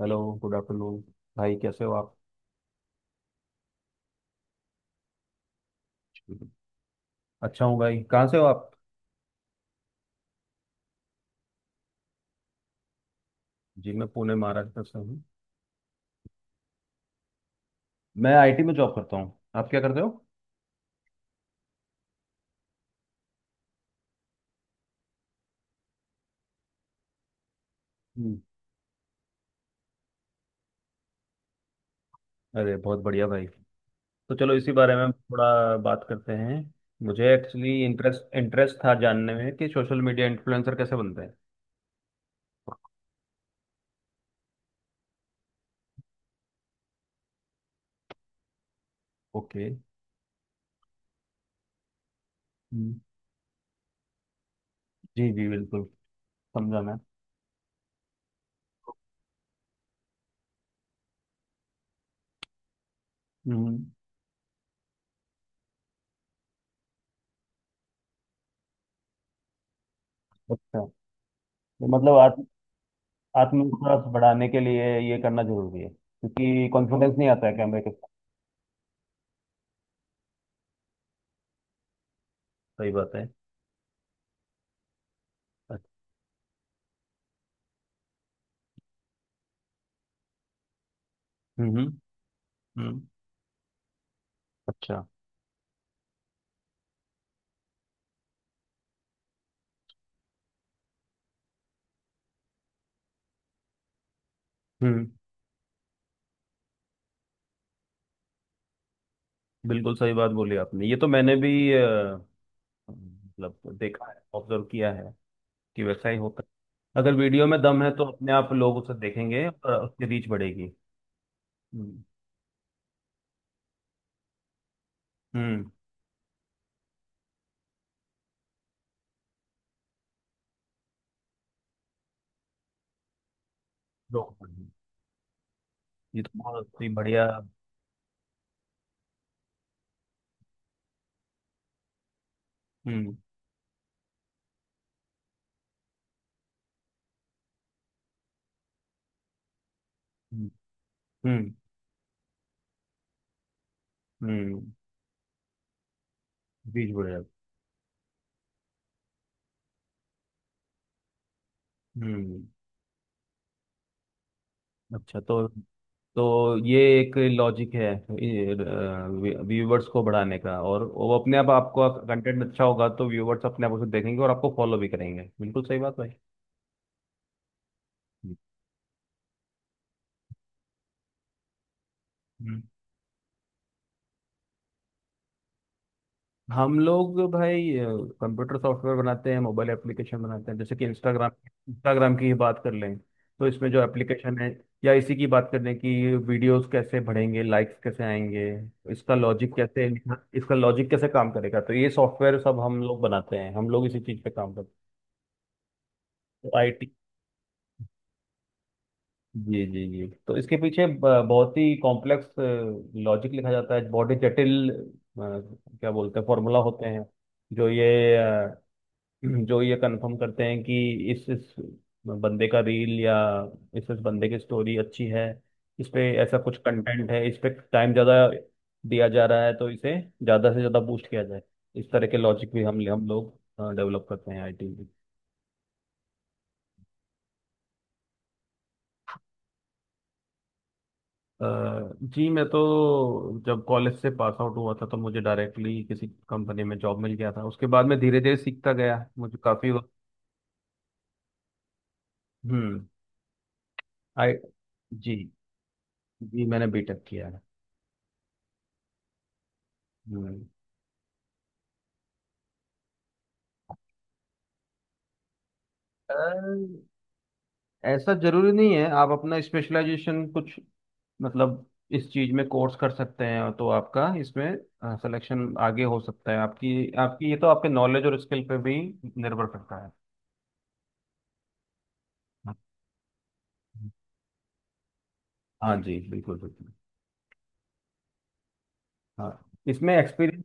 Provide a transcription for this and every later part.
Hello. Good afternoon. भाई कैसे हो आप। अच्छा हूँ भाई। कहाँ से हो आप। जी मैं पुणे महाराष्ट्र से हूँ। मैं आईटी में जॉब करता हूँ। आप क्या करते हो। हम्म। अरे बहुत बढ़िया भाई। तो चलो इसी बारे में थोड़ा बात करते हैं। मुझे एक्चुअली इंटरेस्ट इंटरेस्ट था जानने में कि सोशल मीडिया इन्फ्लुएंसर कैसे बनते हैं। ओके। हम्म, जी जी बिल्कुल। समझा मैं। हम्म। अच्छा। तो मतलब आत्मविश्वास बढ़ाने के लिए ये करना जरूरी है क्योंकि कॉन्फिडेंस नहीं आता है कैमरे के साथ। सही बात है। अच्छा। हम्म। हम्म। अच्छा। हम्म। बिल्कुल सही बात बोली आपने। ये तो मैंने भी मतलब देखा है, ऑब्जर्व किया है कि वैसा ही होता है। अगर वीडियो में दम है तो अपने आप लोग उसे देखेंगे और उसकी रीच बढ़ेगी। हम्म। हम्म। लोग बढ़ेंगे। ये तो बहुत ही बढ़िया। हम्म। हम्म। हम्म। हम्म, रीच बढ़ेगा। हम्म। अच्छा, तो ये एक लॉजिक है व्यूवर्स को बढ़ाने का। और वो अपने आप आपका कंटेंट अच्छा होगा तो व्यूवर्स अपने आप उसे देखेंगे और आपको फॉलो भी करेंगे। बिल्कुल सही बात भाई। हम्म। हम लोग भाई कंप्यूटर सॉफ्टवेयर बनाते हैं, मोबाइल एप्लीकेशन बनाते हैं, जैसे कि इंस्टाग्राम। इंस्टाग्राम की ही बात कर लें तो इसमें जो एप्लीकेशन है, या इसी की बात कर लें कि वीडियोस कैसे बढ़ेंगे, लाइक्स कैसे आएंगे, इसका लॉजिक कैसे, इसका लॉजिक कैसे काम करेगा, तो ये सॉफ्टवेयर सब हम लोग बनाते हैं। हम लोग इसी चीज़ पे काम करते हैं तो आईटी। जी जी जी, तो इसके पीछे बहुत ही कॉम्प्लेक्स लॉजिक लिखा जाता है, बहुत ही जटिल क्या बोलते हैं, फॉर्मूला होते हैं जो ये, जो ये कंफर्म करते हैं कि इस बंदे का रील या इस बंदे की स्टोरी अच्छी है, इस पे ऐसा कुछ कंटेंट है, इस पे टाइम ज़्यादा दिया जा रहा है, तो इसे ज़्यादा से ज़्यादा बूस्ट किया जाए। इस तरह के लॉजिक भी हम लोग डेवलप करते हैं आईटी में। अ, जी मैं तो जब कॉलेज से पास आउट हुआ था तो मुझे डायरेक्टली किसी कंपनी में जॉब मिल गया था। उसके बाद मैं धीरे धीरे सीखता गया, मुझे काफ़ी। हम्म। आई जी जी मैंने बीटेक किया है। हम्म। ऐसा जरूरी नहीं है, आप अपना स्पेशलाइजेशन कुछ, मतलब इस चीज में कोर्स कर सकते हैं तो आपका इसमें सिलेक्शन आगे हो सकता है। आपकी आपकी ये तो आपके नॉलेज और स्किल पे भी निर्भर करता है। हाँ। हाँ जी बिल्कुल बिल्कुल। हाँ, इसमें एक्सपीरियंस।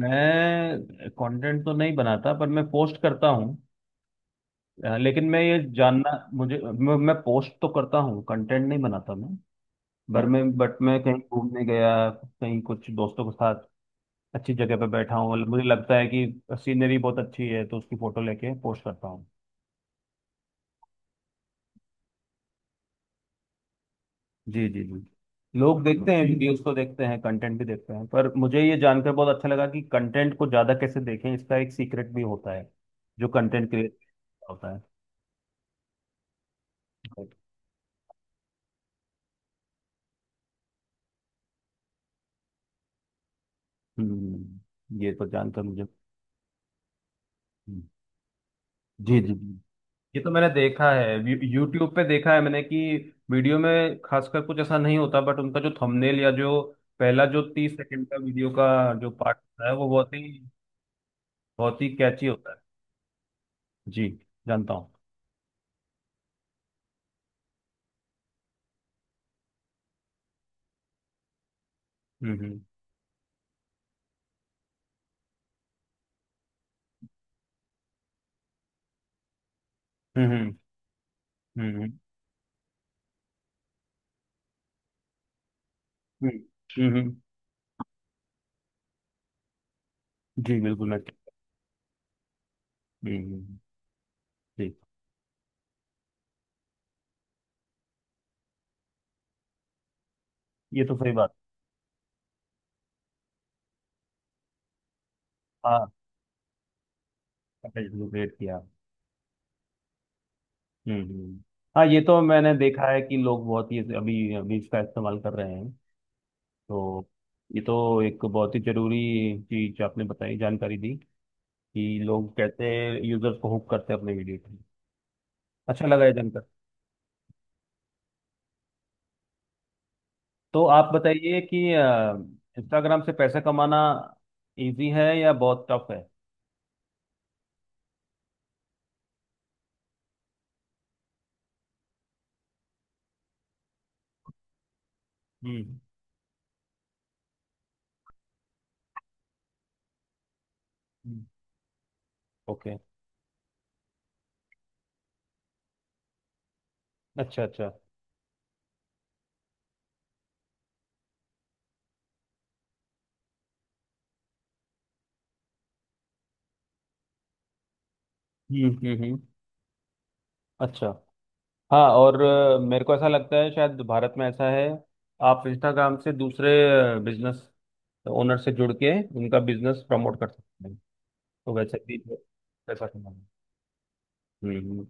मैं कंटेंट तो नहीं बनाता पर मैं पोस्ट करता हूँ। लेकिन मैं ये जानना, मुझे मैं पोस्ट तो करता हूँ, कंटेंट नहीं बनाता मैं। पर मैं बट मैं कहीं घूमने गया, कहीं कुछ दोस्तों के साथ अच्छी जगह पे बैठा हूँ, मतलब मुझे लगता है कि सीनरी बहुत अच्छी है तो उसकी फोटो लेके पोस्ट करता हूँ। जी जी जी, लोग देखते हैं, वीडियोस को देखते हैं, कंटेंट भी देखते हैं, पर मुझे ये जानकर बहुत अच्छा लगा कि कंटेंट को ज़्यादा कैसे देखें इसका एक सीक्रेट भी होता है जो कंटेंट क्रिएट होता है। हम्म, ये तो जानकर मुझे। हम्म, जी जी जी, ये तो मैंने देखा है, यूट्यूब पे देखा है मैंने कि वीडियो में खासकर कुछ ऐसा नहीं होता, बट उनका जो थंबनेल या जो पहला जो तीस सेकंड का वीडियो का जो पार्ट होता है वो बहुत ही, बहुत ही कैची होता है। जी, जानता हूँ। हम्म। हम्म। हम्म। हम्म। हम्म। जी बिल्कुल मैं। हम्म। जी ये तो सही बात। हाँ, क्रिएट किया। हम्म। हम्म। हाँ ये तो मैंने देखा है कि लोग बहुत ही अभी अभी इसका इस्तेमाल कर रहे हैं। तो ये तो एक बहुत ही जरूरी चीज आपने बताई, जानकारी दी कि लोग कैसे यूजर्स को हुक करते हैं अपने वीडियो पे। अच्छा लगा ये जानकारी। तो आप बताइए कि इंस्टाग्राम से पैसे कमाना इजी है या बहुत टफ है। हम्म। हम्म। ओके। अच्छा अच्छा। हम्म। अच्छा। हाँ, और मेरे को ऐसा लगता है शायद भारत में ऐसा है। आप इंस्टाग्राम से दूसरे बिजनेस ओनर से जुड़ के उनका बिजनेस प्रमोट कर सकते हैं, तो वैसे भी पैसा कमाना। हम्म।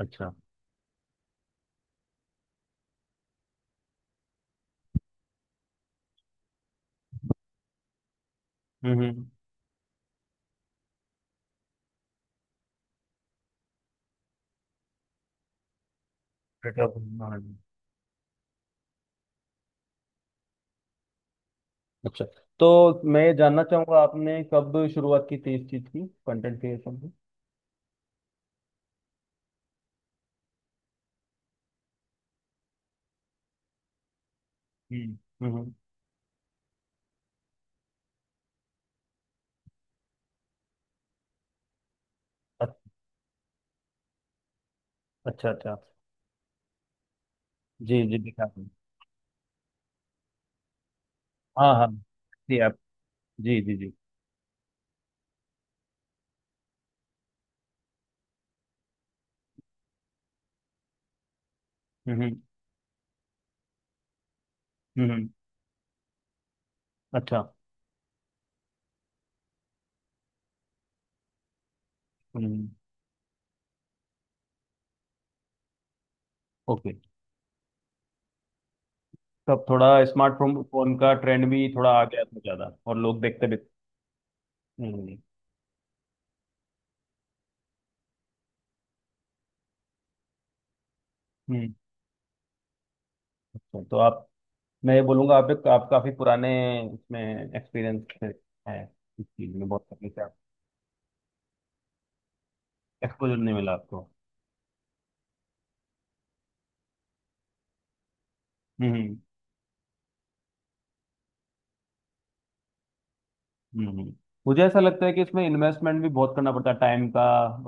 अच्छा। हम्म। हम्म। बेटा, हाँ। अच्छा, तो मैं ये जानना चाहूंगा आपने कब शुरुआत की थी इस चीज की, कंटेंट क्रिएशन। हम्म। हम्म। अ- अच्छा अच्छा अच्छा। जी जी देखा आपने। हाँ हाँ जी आप। जी जी जी। हम्म। हम्म। हम्म, हम्म। अच्छा। हम्म। हम्म। ओके, तब थोड़ा स्मार्टफोन फोन का ट्रेंड भी थोड़ा आ गया था ज़्यादा और लोग देखते भी। हम्म। हम्म। हम्म, अच्छा तो आप, मैं ये बोलूँगा आप एक आप काफ़ी पुराने इसमें, एक्सपीरियंस है इस चीज़ में बहुत पहले से आप। एक्सपोजर नहीं मिला आपको। हम्म। हम्म। हम्म। मुझे ऐसा लगता है कि इसमें इन्वेस्टमेंट भी बहुत करना पड़ता है टाइम का,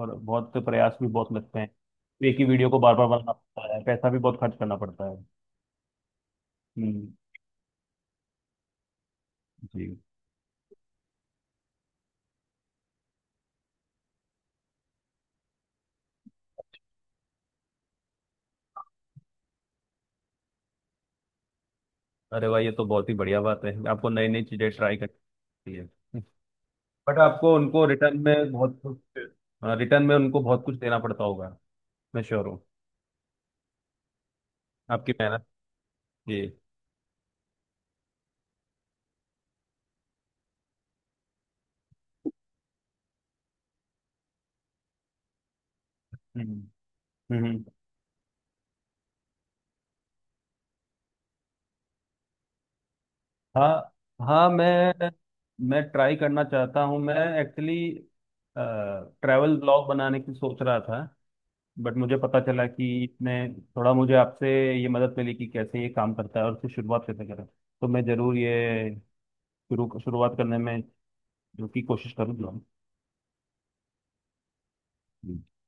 और बहुत प्रयास भी बहुत लगते हैं, एक ही वीडियो को बार बार बनाना पड़ता है, पैसा भी बहुत खर्च करना पड़ता है। हम्म। जी। अरे भाई ये तो बहुत ही बढ़िया बात है, आपको नई नई चीजें ट्राई करनी है। बट आपको उनको रिटर्न में बहुत कुछ, रिटर्न में उनको बहुत कुछ देना पड़ता होगा। मैं श्योर हूँ। आपकी मेहनत। जी। हम्म। हम्म। हाँ। हाँ मैं ट्राई करना चाहता हूँ। मैं एक्चुअली ट्रैवल ब्लॉग बनाने की सोच रहा था, बट मुझे पता चला कि इसमें थोड़ा, मुझे आपसे ये मदद मिली कि कैसे ये काम करता है और उसकी शुरुआत कैसे करें, तो मैं ज़रूर ये शुरू शुरुआत करने में जो की कोशिश करूँगा।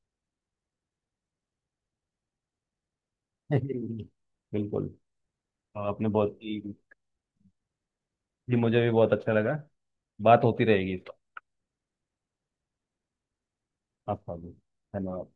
बिल्कुल। आपने बहुत ही, ये मुझे भी बहुत अच्छा लगा, बात होती रहेगी तो। आपका भी। धन्यवाद।